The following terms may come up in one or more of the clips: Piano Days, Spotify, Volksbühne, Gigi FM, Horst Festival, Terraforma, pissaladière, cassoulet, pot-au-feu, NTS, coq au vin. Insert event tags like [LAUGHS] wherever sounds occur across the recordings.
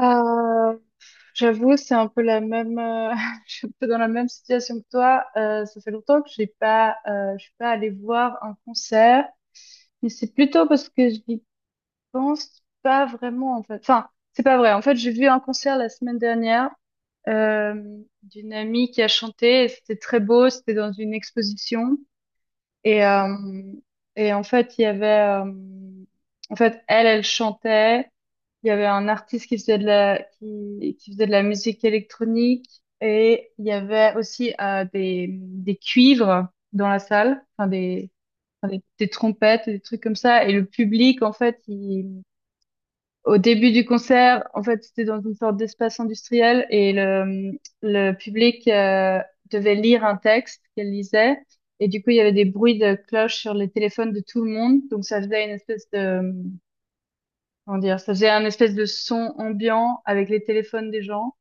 Euh, J'avoue, c'est un peu la même. [LAUGHS] Je suis un peu dans la même situation que toi. Ça fait longtemps que j'ai pas, je suis pas allée voir un concert, mais c'est plutôt parce que je n'y pense pas vraiment en fait. Enfin, c'est pas vrai. En fait, j'ai vu un concert la semaine dernière euh, d'une amie qui a chanté. C'était très beau. C'était dans une exposition. Et, euh, En fait, euh, elle, elle chantait. Il y avait un artiste qui qui faisait de la musique électronique. Et il y avait aussi des cuivres dans la salle, enfin, des trompettes, des trucs comme ça. Et le public, en fait, au début du concert, en fait, c'était dans une sorte d'espace industriel et le public devait lire un texte qu'elle lisait. Et du coup, il y avait des bruits de cloches sur les téléphones de tout le monde. Donc, ça faisait une espèce de, comment dire, ça faisait un espèce de son ambiant avec les téléphones des gens.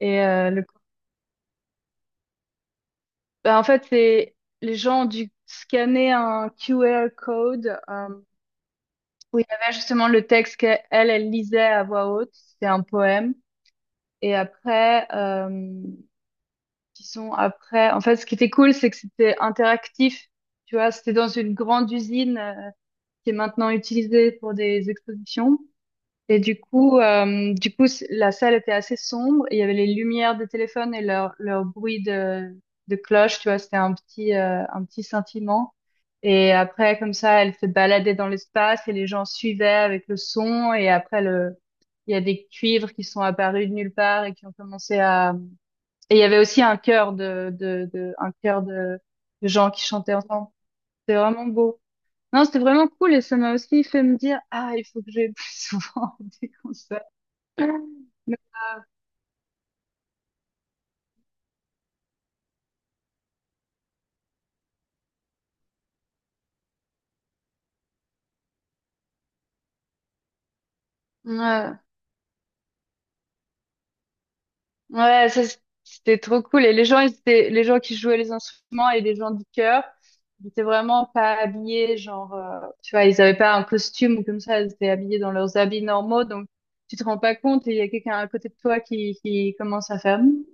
Et euh, le, En fait, les gens ont dû scanner un QR code où il y avait justement le texte qu'elle, elle lisait à voix haute. C'était un poème. Et après, qui sont après. En fait, ce qui était cool, c'est que c'était interactif. Tu vois, c'était dans une grande usine qui est maintenant utilisée pour des expositions. Et du coup, la salle était assez sombre, et il y avait les lumières des téléphones et leur bruit de cloche. Tu vois, c'était un petit sentiment. Et après, comme ça, elle se baladait dans l'espace et les gens suivaient avec le son. Et après, il y a des cuivres qui sont apparus de nulle part et qui ont commencé à, et il y avait aussi un chœur de un chœur de gens qui chantaient ensemble. C'était vraiment beau. Non, c'était vraiment cool et ça m'a aussi fait me dire, ah, il faut que j'aille plus souvent [LAUGHS] des concerts. Ouais, ouais, c'était trop cool. Et les gens, les gens qui jouaient les instruments et les gens du chœur, ils étaient vraiment pas habillés, tu vois, ils avaient pas un costume ou comme ça, ils étaient habillés dans leurs habits normaux, donc tu te rends pas compte et il y a quelqu'un à côté de toi qui commence à faire, hum,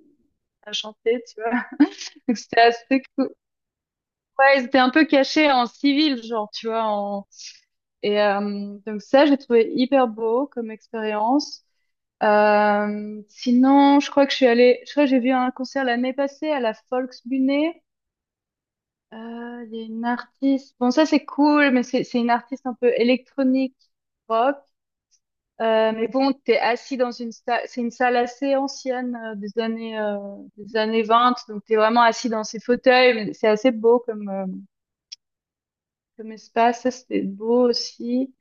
à chanter, tu vois. [LAUGHS] Donc c'était assez cool. Ouais, ils étaient un peu cachés en civil, genre, tu vois. En... Et donc ça, j'ai trouvé hyper beau comme expérience. Sinon, je crois que j'ai vu un concert l'année passée à la Volksbühne. Il y a une artiste, bon ça c'est cool, mais c'est une artiste un peu électronique, rock. Mais bon, t'es assis dans une salle, c'est une salle assez ancienne des années 20, donc t'es vraiment assis dans ces fauteuils. C'est assez beau comme comme espace, ça c'était beau aussi.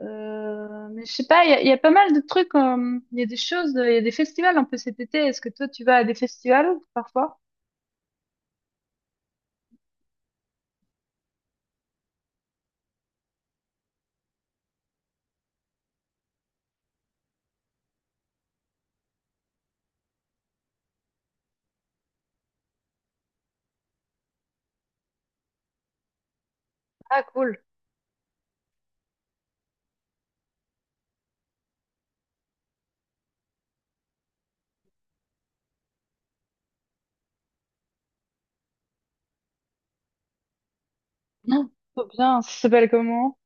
Mais je sais pas, il y a pas mal de trucs, il y a des festivals un peu cet été. Est-ce que toi tu vas à des festivals parfois? Ah cool. Non. Trop bien, ça s'appelle comment?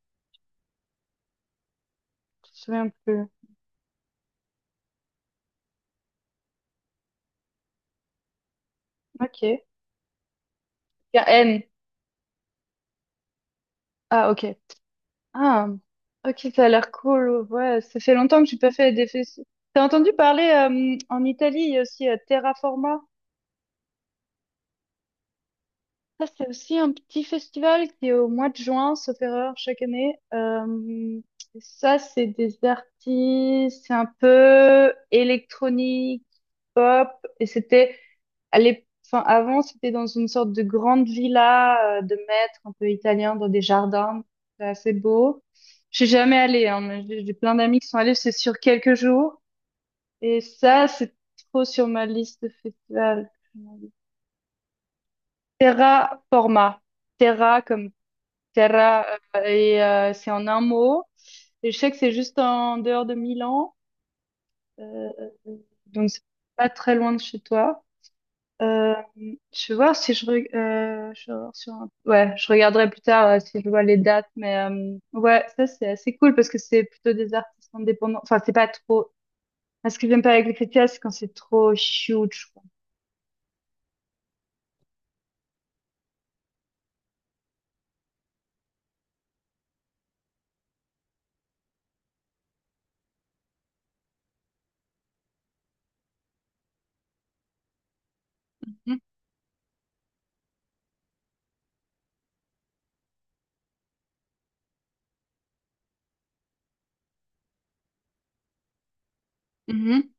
Je me souviens plus. Ok. Il y a N. Ah ok. Ah, ok, ça a l'air cool. Ouais, ça fait longtemps que j'ai pas fait des festivals. T'as entendu parler en Italie, il y a aussi Terraforma. Ça, c'est aussi un petit festival qui est au mois de juin, sauf erreur, chaque année. Ça, c'est des artistes, c'est un peu électronique. Et c'était enfin, avant, c'était dans une sorte de grande villa de maître un peu italien dans des jardins. C'est assez beau. Je suis jamais allée, hein, mais j'ai plein d'amis qui sont allés, c'est sur quelques jours. Et ça, c'est trop sur ma liste de festivals. Terra Forma. Terra comme Terra, c'est en un mot. Et je sais que c'est juste en dehors de Milan, euh, euh, euh, donc c'est pas très loin de chez toi. Euh, je vais voir si je vais voir sur ouais, je regarderai plus tard si je vois les dates, mais ouais, ça c'est assez cool parce que c'est plutôt des artistes indépendants. Enfin, c'est pas trop. Moi, ce que j'aime pas avec les festivals, c'est quand c'est trop huge, quoi. Mhm, mhm.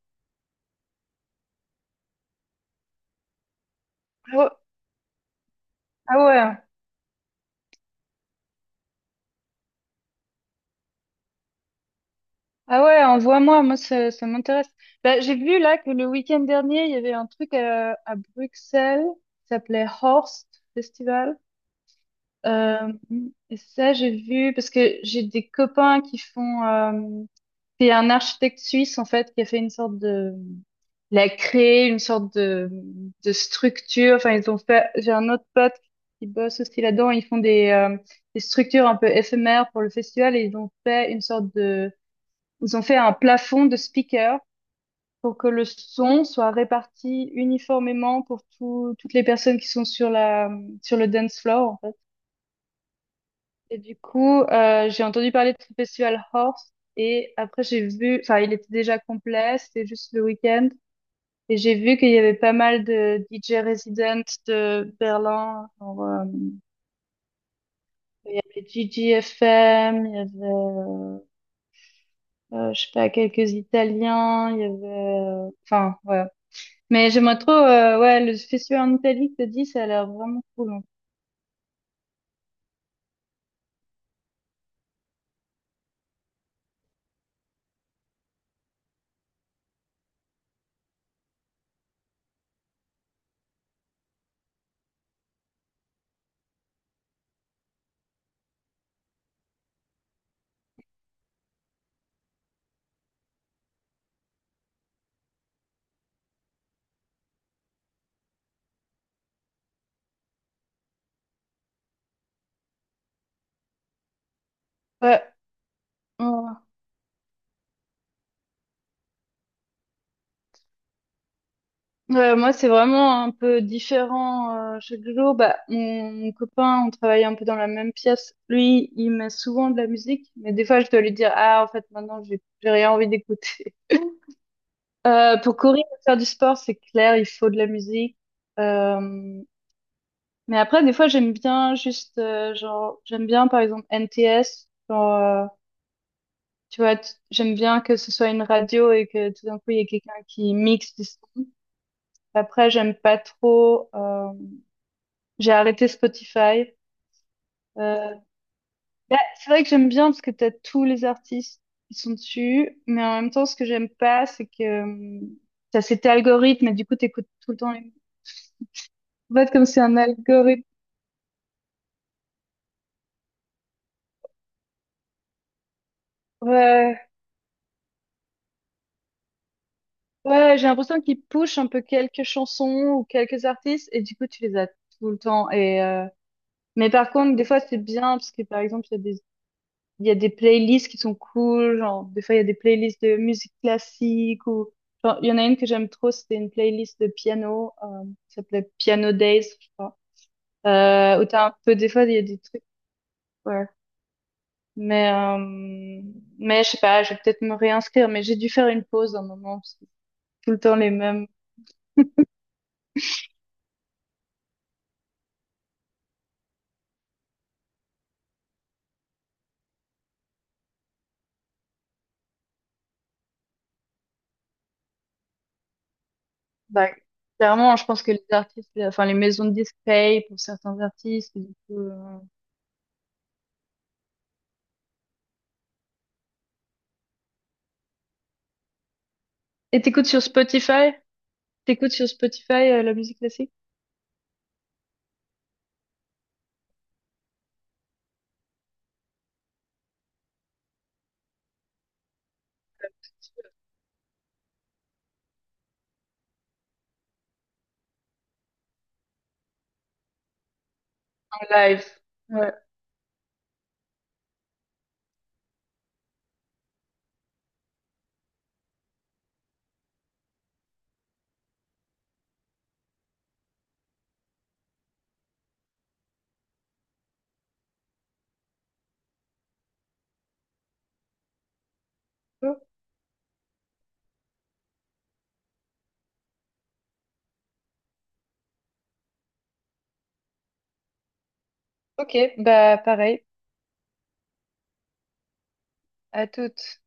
Ah ouais, ah ouais. Ah ouais, envoie-moi, moi ça, ça m'intéresse. Bah, j'ai vu là que le week-end dernier, il y avait un truc à Bruxelles qui s'appelait Horst Festival. Euh, et ça, j'ai vu parce que j'ai des copains qui font... C'est un architecte suisse en fait qui a fait une sorte de... Il a créé une sorte de structure. Enfin, ils ont fait... J'ai un autre pote qui bosse aussi là-dedans. Ils font des structures un peu éphémères pour le festival et ils ont fait une sorte de, ils ont fait un plafond de speaker pour que le son soit réparti uniformément pour toutes les personnes qui sont sur sur le dance floor, en fait. Et du coup, j'ai entendu parler de ce festival Horse et après j'ai vu, enfin, il était déjà complet, c'était juste le week-end. Et j'ai vu qu'il y avait pas mal de DJ résidents de Berlin, genre, il y avait Gigi FM, je sais pas, quelques Italiens, enfin, ouais. Mais j'aimerais trop, ouais, le festival en Italie que t'as dit, ça a l'air vraiment cool, hein. Ouais, ouais. Ouais, moi c'est vraiment un peu différent chaque jour. Bah, mon copain, on travaille un peu dans la même pièce. Lui, il met souvent de la musique, mais des fois je dois lui dire, ah, en fait, maintenant j'ai rien envie d'écouter. [LAUGHS] Pour courir et faire du sport, c'est clair, il faut de la musique. Euh, mais après, des fois, j'aime bien juste, j'aime bien par exemple NTS, tu vois, j'aime bien que ce soit une radio et que tout d'un coup, il y ait quelqu'un qui mixe du son. Après, j'aime pas trop... j'ai arrêté Spotify. Euh, Bah, c'est vrai que j'aime bien parce que t'as tous les artistes qui sont dessus. Mais en même temps, ce que j'aime pas, c'est que t'as cet algorithme et du coup, t'écoutes tout le temps les... En fait, comme c'est un algorithme... Ouais, ouais, j'ai l'impression qu'ils push un peu quelques chansons ou quelques artistes et du coup, tu les as tout le temps. Mais par contre, des fois, c'est bien parce que par exemple, il y a des playlists qui sont cool, genre des fois il y a des playlists de musique classique ou genre il y en a une que j'aime trop, c'était une playlist de piano, qui s'appelait Piano Days, je crois. Où t'as un peu des fois il y a des trucs, ouais. Mais euh, mais je sais pas, je vais peut-être me réinscrire, mais j'ai dû faire une pause un moment parce que tout le temps les mêmes. Bah, clairement, je pense que enfin les maisons de disques payent pour certains artistes. Et du coup, et t'écoutes sur Spotify? T'écoutes sur Spotify la musique classique? En live. Ouais. Oh, ok, bah pareil, à toutes.